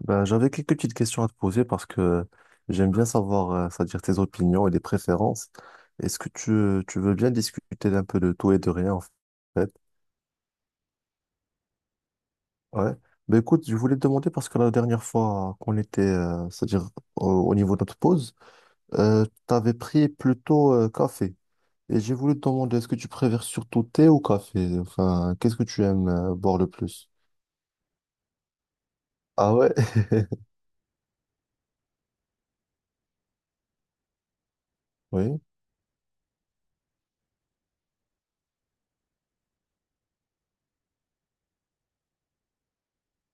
Ben, j'avais quelques petites questions à te poser parce que j'aime bien savoir, c'est-à-dire tes opinions et les préférences. Est-ce que tu veux bien discuter d'un peu de tout et de rien en fait? Ouais. Ben écoute, je voulais te demander parce que la dernière fois qu'on était, c'est-à-dire au niveau de notre pause, tu avais pris plutôt café. Et j'ai voulu te demander, est-ce que tu préfères surtout thé ou café? Enfin, qu'est-ce que tu aimes boire le plus? Ah ouais? Oui.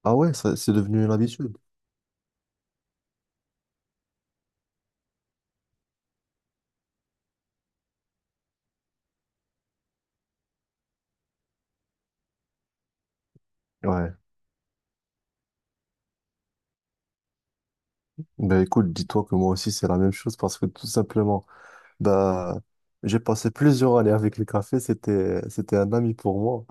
Ah ouais, c'est devenu une habitude. Ouais. Ben écoute, dis-toi que moi aussi c'est la même chose parce que tout simplement, bah, j'ai passé plusieurs années avec le café, c'était un ami pour moi.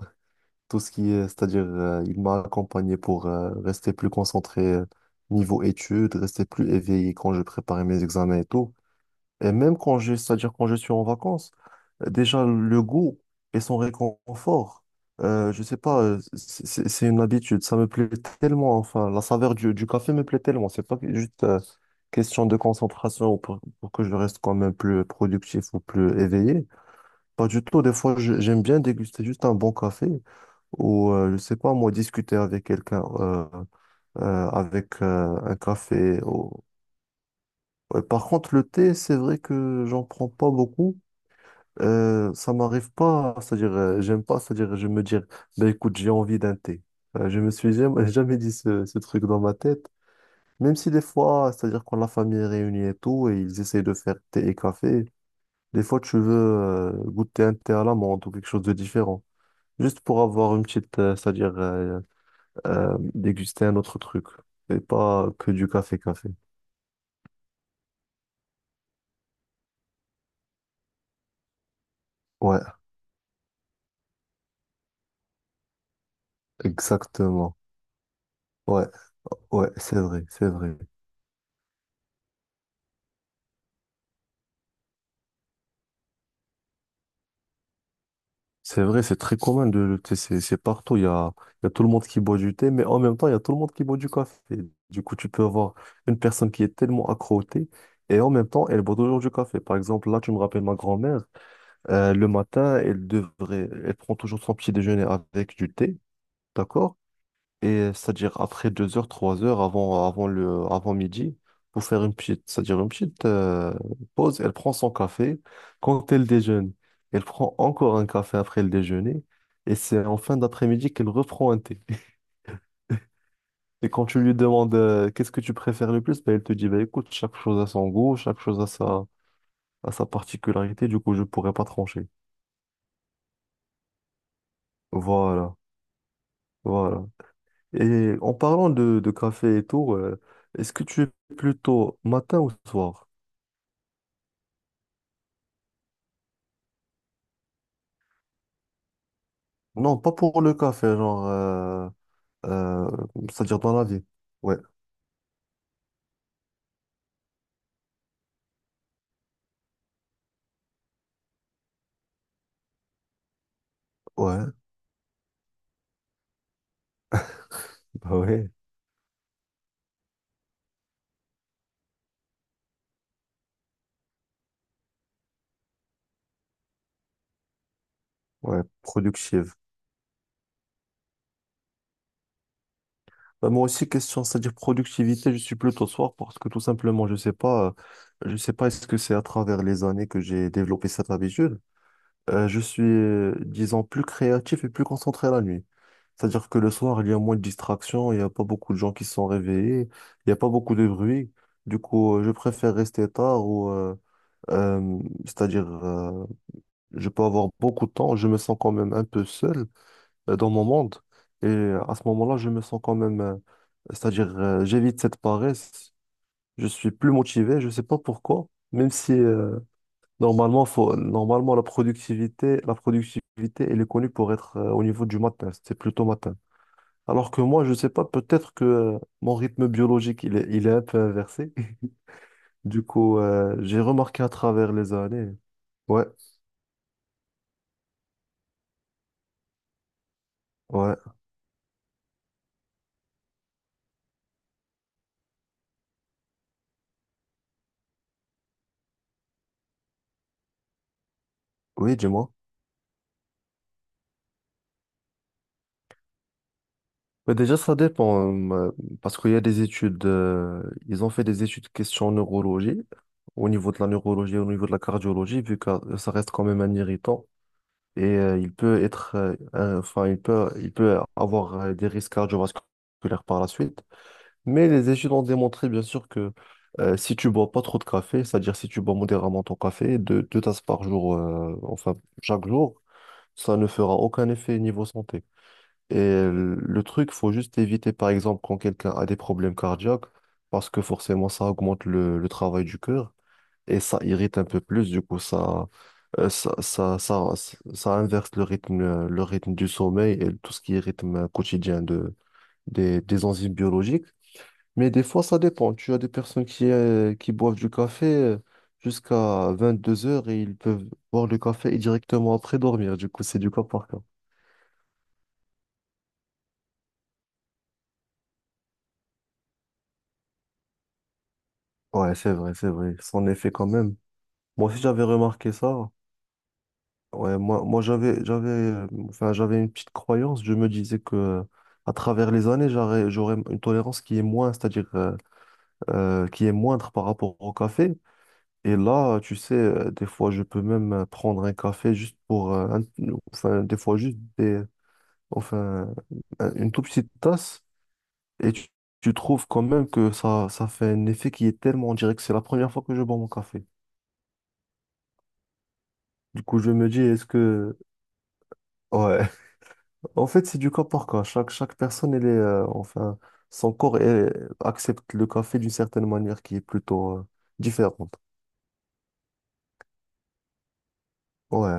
Tout ce qui est, c'est-à-dire, il m'a accompagné pour rester plus concentré niveau études, rester plus éveillé quand je préparais mes examens et tout. Et même quand je, c'est-à-dire quand je suis en vacances, déjà le goût et son réconfort, je sais pas, c'est une habitude, ça me plaît tellement, enfin, la saveur du café me plaît tellement, c'est pas que- juste question de concentration ou pour que je reste quand même plus productif ou plus éveillé. Pas du tout, des fois j'aime bien déguster juste un bon café ou, je sais pas, moi, discuter avec quelqu'un avec un café. Ou... Ouais. Par contre, le thé, c'est vrai que j'en prends pas beaucoup. Ça m'arrive pas, c'est-à-dire, j'aime pas, c'est-à-dire, je me dire, ben écoute, j'ai envie d'un thé. Je me suis jamais, jamais dit ce truc dans ma tête, même si des fois, c'est-à-dire, quand la famille est réunie et tout, et ils essayent de faire thé et café, des fois, tu veux goûter un thé à l'amande ou quelque chose de différent, juste pour avoir une petite, c'est-à-dire, déguster un autre truc, et pas que du café-café. Ouais, exactement. Ouais, ouais, c'est vrai, c'est vrai. C'est vrai, c'est très commun de le thé, c'est partout. Il y a tout le monde qui boit du thé, mais en même temps, il y a tout le monde qui boit du café. Du coup, tu peux avoir une personne qui est tellement accro au thé et en même temps, elle boit toujours du café. Par exemple, là, tu me rappelles ma grand-mère. Le matin, elle devrait, elle prend toujours son petit déjeuner avec du thé, d'accord? Et c'est-à-dire après deux heures, trois heures avant, avant, le, avant midi, pour faire une petite, c'est-à-dire une petite pause, elle prend son café. Quand elle déjeune, elle prend encore un café après le déjeuner. Et c'est en fin d'après-midi qu'elle reprend un thé. Et quand tu lui demandes qu'est-ce que tu préfères le plus, ben, elle te dit, bah, écoute, chaque chose a son goût, chaque chose a sa particularité, du coup, je pourrais pas trancher. Voilà, voilà. Et en parlant de café et tout, est-ce que tu es plutôt matin ou soir? Non, pas pour le café, genre, euh, c'est-à-dire dans la vie. Ouais, ouais, bah ouais, ouais, productive. Bah moi aussi, question, c'est-à-dire productivité, je suis plutôt soir parce que tout simplement, je sais pas est-ce que c'est à travers les années que j'ai développé cette habitude. Je suis, disons, plus créatif et plus concentré la nuit. C'est-à-dire que le soir, il y a moins de distractions, il n'y a pas beaucoup de gens qui sont réveillés, il n'y a pas beaucoup de bruit. Du coup, je préfère rester tard ou, euh, c'est-à-dire je peux avoir beaucoup de temps, je me sens quand même un peu seul dans mon monde. Et à ce moment-là, je me sens quand même, c'est-à-dire, j'évite cette paresse, je suis plus motivé, je ne sais pas pourquoi, même si normalement, faut, normalement la productivité, elle est connue pour être au niveau du matin, c'est plutôt matin. Alors que moi, je ne sais pas, peut-être que mon rythme biologique, il est un peu inversé. Du coup, j'ai remarqué à travers les années. Ouais, ouais, oui, dis-moi. Mais déjà, ça dépend, parce qu'il y a des études, ils ont fait des études question neurologie, au niveau de la neurologie, au niveau de la cardiologie, vu que ça reste quand même un irritant, et il peut être, enfin, il peut avoir des risques cardiovasculaires par la suite. Mais les études ont démontré, bien sûr, que si tu bois pas trop de café, c'est-à-dire si tu bois modérément ton café, deux tasses par jour, enfin, chaque jour, ça ne fera aucun effet niveau santé. Et le truc, faut juste éviter, par exemple, quand quelqu'un a des problèmes cardiaques, parce que forcément, ça augmente le travail du cœur et ça irrite un peu plus. Du coup, ça, euh, ça, ça, ça, ça inverse le rythme du sommeil et tout ce qui est rythme quotidien de, des enzymes biologiques. Mais des fois, ça dépend. Tu as des personnes qui boivent du café jusqu'à deux heures et ils peuvent boire le café et directement après dormir. Du coup, c'est du cas par cas. Ouais, c'est vrai, c'est vrai. Son effet quand même. Moi aussi, j'avais remarqué ça. Ouais, moi enfin, j'avais une petite croyance. Je me disais que à travers les années, j'aurais une tolérance qui est moins, c'est-à-dire qui est moindre par rapport au café. Et là, tu sais, des fois, je peux même prendre un café juste pour, enfin, des fois juste des, enfin, une toute petite tasse. Et tu trouves quand même que ça fait un effet qui est tellement, on dirait que c'est la première fois que je bois mon café. Du coup, je me dis, est-ce que, ouais. En fait, c'est du cas par cas. Chaque personne, elle est, enfin, son corps elle, accepte le café d'une certaine manière qui est plutôt différente. Ouais.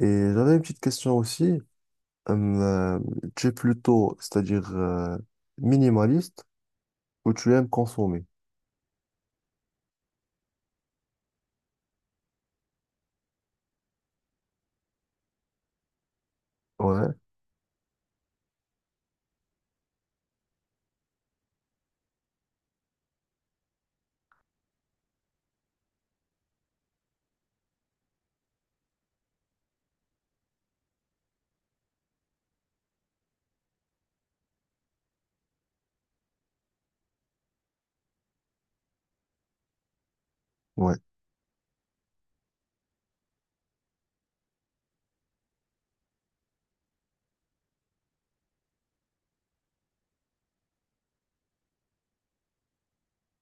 Et j'avais une petite question aussi. Hum, euh, Tu es plutôt, c'est-à-dire minimaliste ou tu aimes consommer? Ouais, ouais,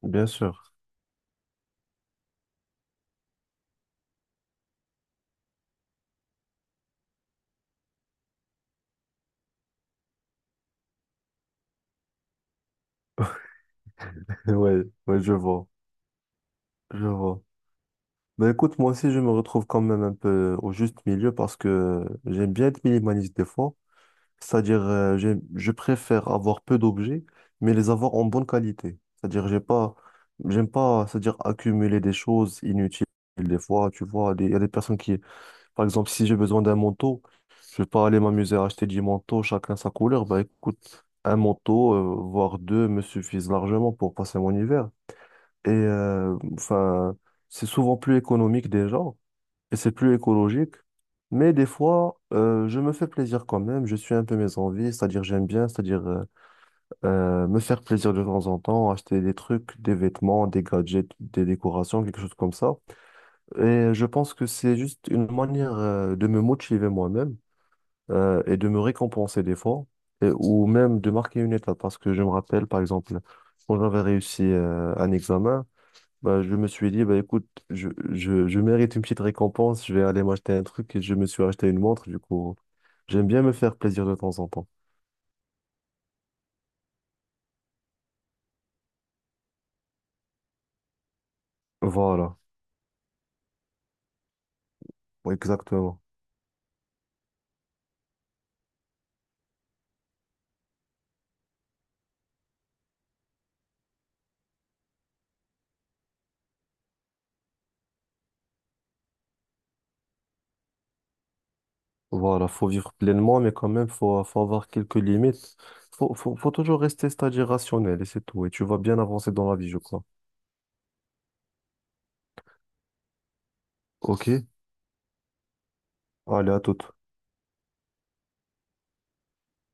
bien sûr. Ouais, ouais, je vois, je vois. Ben écoute, moi aussi, je me retrouve quand même un peu au juste milieu parce que j'aime bien être minimaliste des fois. C'est-à-dire, je préfère avoir peu d'objets, mais les avoir en bonne qualité. C'est-à-dire, j'ai pas, j'aime pas, c'est-à-dire accumuler des choses inutiles. Des fois, tu vois, il y a des personnes qui, par exemple, si j'ai besoin d'un manteau, je vais pas aller m'amuser à acheter 10 manteaux, chacun sa couleur. Bah écoute, un manteau, voire deux, me suffisent largement pour passer mon hiver. Et enfin, c'est souvent plus économique déjà et c'est plus écologique. Mais des fois, je me fais plaisir quand même. Je suis un peu mes envies, c'est-à-dire j'aime bien, c'est-à-dire me faire plaisir de temps en temps, acheter des trucs, des vêtements, des gadgets, des décorations, quelque chose comme ça. Et je pense que c'est juste une manière de me motiver moi-même et de me récompenser des fois, et- ou même de marquer une étape. Parce que je me rappelle, par exemple, quand j'avais réussi un examen, bah, je me suis dit, bah, écoute, je mérite une petite récompense, je vais aller m'acheter un truc et je me suis acheté une montre, du coup, j'aime bien me faire plaisir de temps en temps. Voilà, exactement. Voilà, faut vivre pleinement, mais quand même, faut, faut avoir quelques limites. Faut, faut, faut toujours rester, c'est-à-dire rationnel, et c'est tout. Et tu vas bien avancer dans la vie, je crois. Ok? Allez, à toute.